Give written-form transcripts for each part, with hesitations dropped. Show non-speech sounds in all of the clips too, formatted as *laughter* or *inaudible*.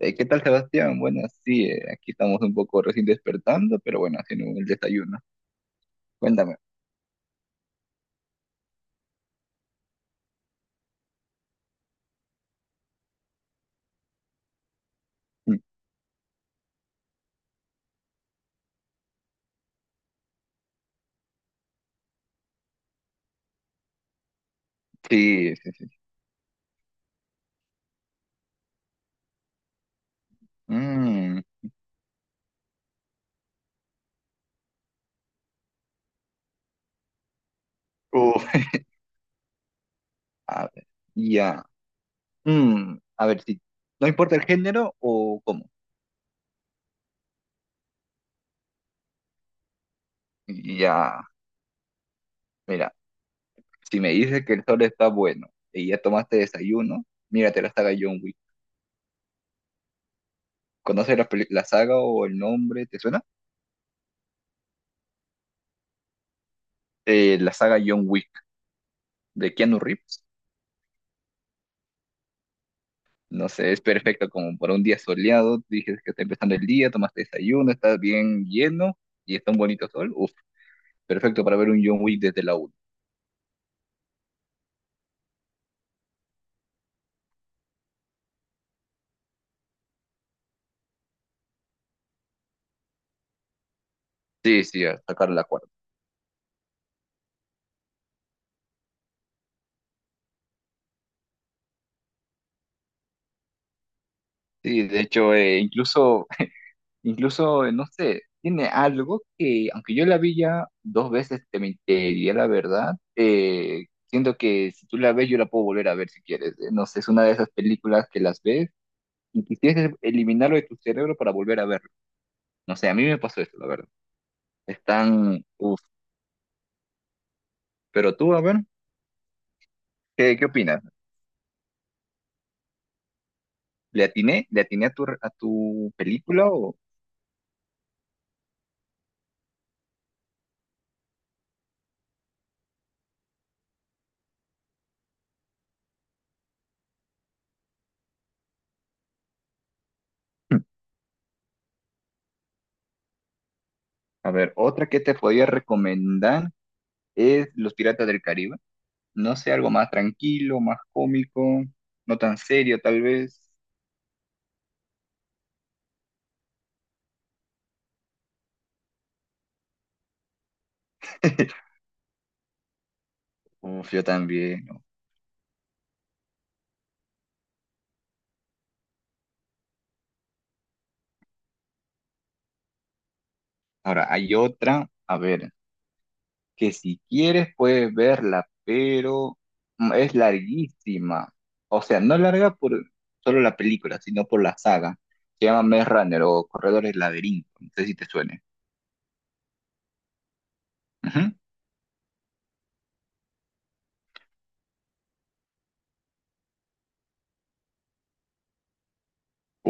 ¿Qué tal, Sebastián? Bueno, sí, aquí estamos un poco recién despertando, pero bueno, haciendo el desayuno. Cuéntame. Mm. Sí, sí, sí. Mm. Uf, a ver, ya. Mm, a ver, sí. ¿No importa el género o cómo? Ya, mira, si me dices que el sol está bueno y ya tomaste desayuno, mírate la saga John Wick. ¿Conoces la saga o el nombre? ¿Te suena? La saga John Wick de Keanu Reeves. No sé, es perfecto como para un día soleado. Dices que está empezando el día, tomaste desayuno, estás bien lleno y está un bonito sol. Uf, perfecto para ver un John Wick desde la una. Sí, sí, a sacar la cuarta. Sí, de hecho, incluso, *laughs* incluso, no sé, tiene algo que, aunque yo la vi ya dos veces, te mentiría la verdad. Siento que si tú la ves, yo la puedo volver a ver si quieres. No sé, es una de esas películas que las ves y quisieras eliminarlo de tu cerebro para volver a verlo. No sé, a mí me pasó eso, la verdad. Están, uf. Pero tú, a ver, ¿qué opinas? ¿Le atiné a tu película o...? *clears throat* A ver, otra que te podría recomendar es Los Piratas del Caribe. No sé, algo más tranquilo, más cómico, no tan serio tal vez. *laughs* Uf, yo también. ¿No? Ahora, hay otra, a ver, que si quieres puedes verla, pero es larguísima. O sea, no larga por solo la película, sino por la saga. Se llama Maze Runner o Corredor del Laberinto. No sé si te suene. Ujú.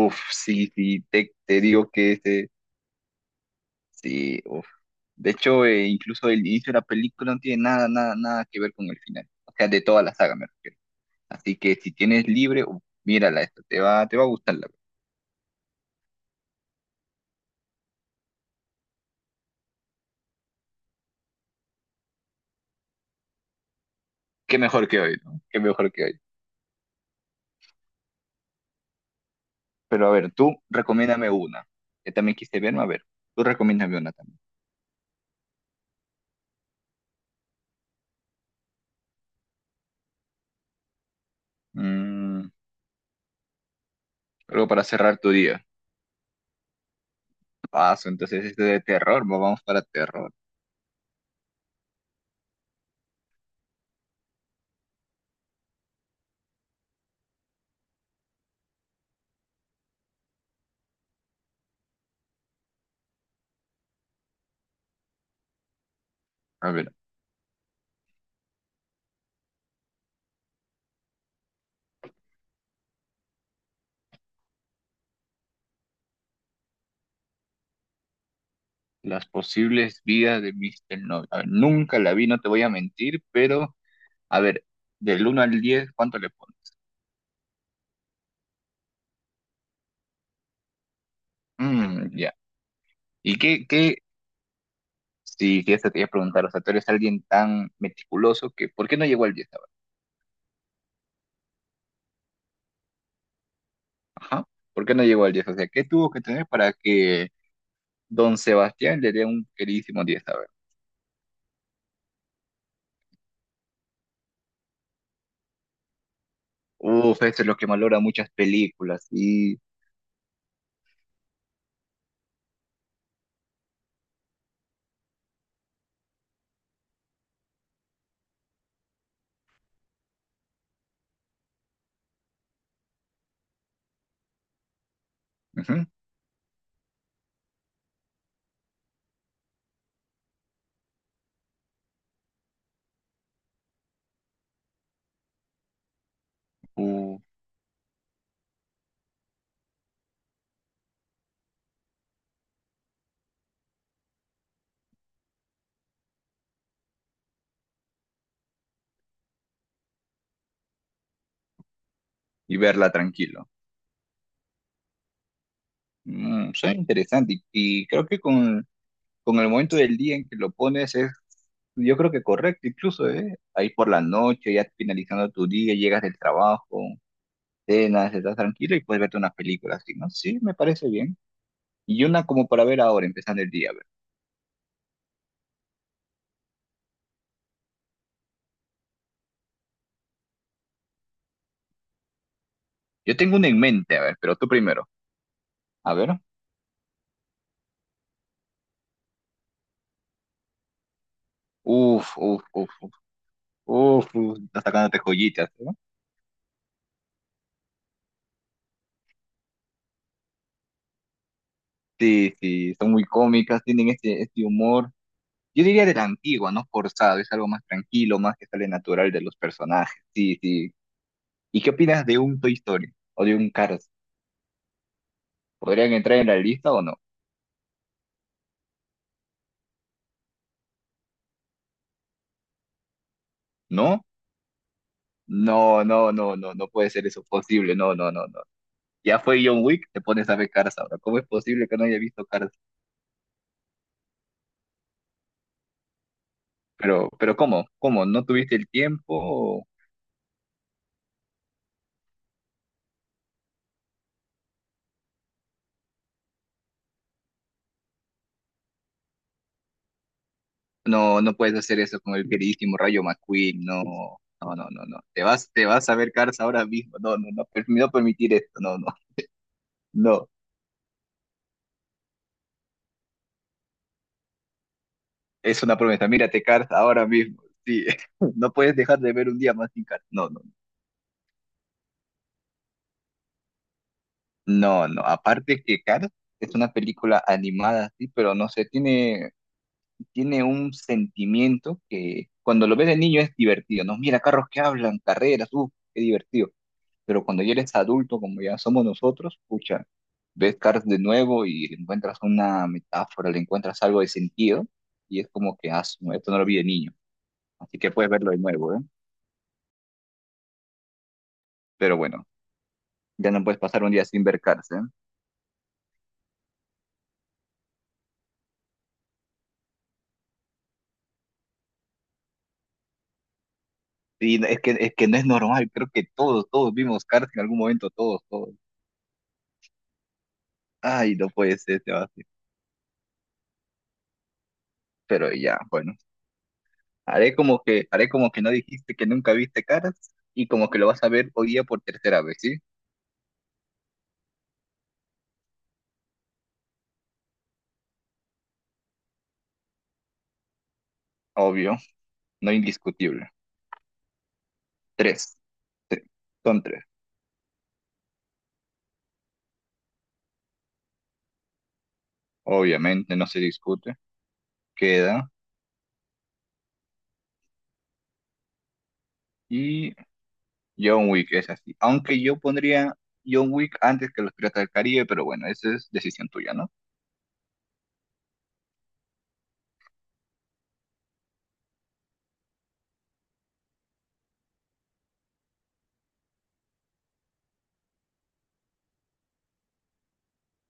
Uf, sí, sí, te digo que ese, sí, uf. De hecho, incluso el inicio de la película no tiene nada, nada, nada que ver con el final. O sea, de toda la saga me refiero. Así que si tienes libre, uf, mírala esta, te va a gustarla. Qué mejor que hoy, ¿no? Qué mejor que hoy. Pero a ver, tú recomiéndame una. Que también quise verme, a ver. Tú recomiéndame una también. Mm, Algo para cerrar tu día. Paso, entonces este de terror, vamos para terror. A ver, las posibles vidas de Mr. Noble. A ver, nunca la vi, no te voy a mentir, pero a ver, del 1 al 10, ¿cuánto le pones? Mm, ya. ¿Y qué? Sí, sí, eso te iba a preguntar. O sea, tú eres alguien tan meticuloso que, ¿por qué no llegó al 10 ahora? Ajá. ¿Por qué no llegó al diez? O sea, ¿qué tuvo que tener para que Don Sebastián le dio un queridísimo 10 a ver. Uf, eso es lo que valora muchas películas y, ujú, uh, verla tranquilo. Suena interesante y creo que con el momento del día en que lo pones es, yo creo que correcto incluso, ¿eh? Ahí por la noche, ya finalizando tu día, llegas del trabajo, cenas, estás tranquilo y puedes verte unas películas así, ¿no? Sí, me parece bien. Y una como para ver ahora, empezando el día, a ver. Yo tengo una en mente, a ver, pero tú primero. A ver. Uf, uf, uf. Uf, uf, está sacándote joyitas, ¿no? Sí, sí, son muy cómicas, tienen este humor, yo diría de la antigua, no forzado, es algo más tranquilo, más que sale natural de los personajes, sí, sí. ¿Y qué opinas de un Toy Story o de un Cars? ¿Podrían entrar en la lista o no? ¿No? No, no, no, no, no puede ser eso posible, no, no, no, no. Ya fue John Wick, te pones a ver Cars ahora. ¿Cómo es posible que no haya visto Cars? Pero, ¿cómo? ¿Cómo? ¿No tuviste el tiempo? No, no puedes hacer eso con el queridísimo Rayo McQueen, no, no, no, no, no. Te vas a ver Cars ahora mismo. No, no, no, no permitir esto, no, no, no. Es una promesa. Mírate Cars ahora mismo. Sí, *laughs* no puedes dejar de ver un día más sin Cars. No, no, no, no. Aparte que Cars es una película animada, sí, pero no sé, tiene un sentimiento que cuando lo ves de niño es divertido, ¿no? Mira, carros que hablan, carreras, uff, qué divertido. Pero cuando ya eres adulto, como ya somos nosotros, pucha, ves Cars de nuevo y le encuentras una metáfora, le encuentras algo de sentido, y es como que, ah, esto no lo vi de niño, así que puedes verlo de nuevo, ¿eh? Pero bueno, ya no puedes pasar un día sin ver Cars, ¿eh? Es que no es normal, creo que todos, todos vimos Cars en algún momento, todos, todos. Ay, no puede ser, Sebastián. Pero ya, bueno, haré como que no dijiste que nunca viste Cars, y como que lo vas a ver hoy día por tercera vez, ¿sí? Obvio, no indiscutible. Tres. Sí, son tres. Obviamente, no se discute. Queda. Y John Wick es así. Aunque yo pondría John Wick antes que los Piratas del Caribe, pero bueno, esa es decisión tuya, ¿no?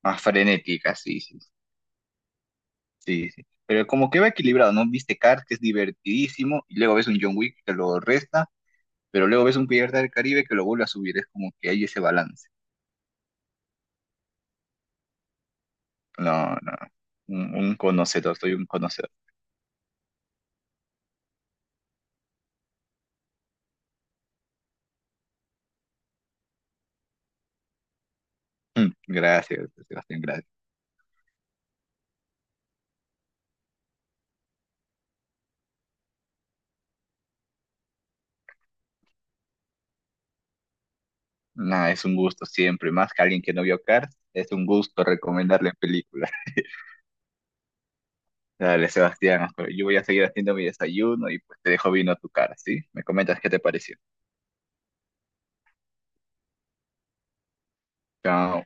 Más frenética, sí, sí, sí, sí. Pero como que va equilibrado, ¿no? Viste Cars, que es divertidísimo, y luego ves un John Wick que lo resta, pero luego ves un Pirata del Caribe que lo vuelve a subir. Es como que hay ese balance. No, no. Un conocedor, soy un conocedor. Gracias, Sebastián, gracias. Nada, es un gusto siempre, más que alguien que no vio Cars, es un gusto recomendarle películas. *laughs* Dale, Sebastián, yo voy a seguir haciendo mi desayuno y pues te dejo vino a tu cara, ¿sí? Me comentas qué te pareció. Chao.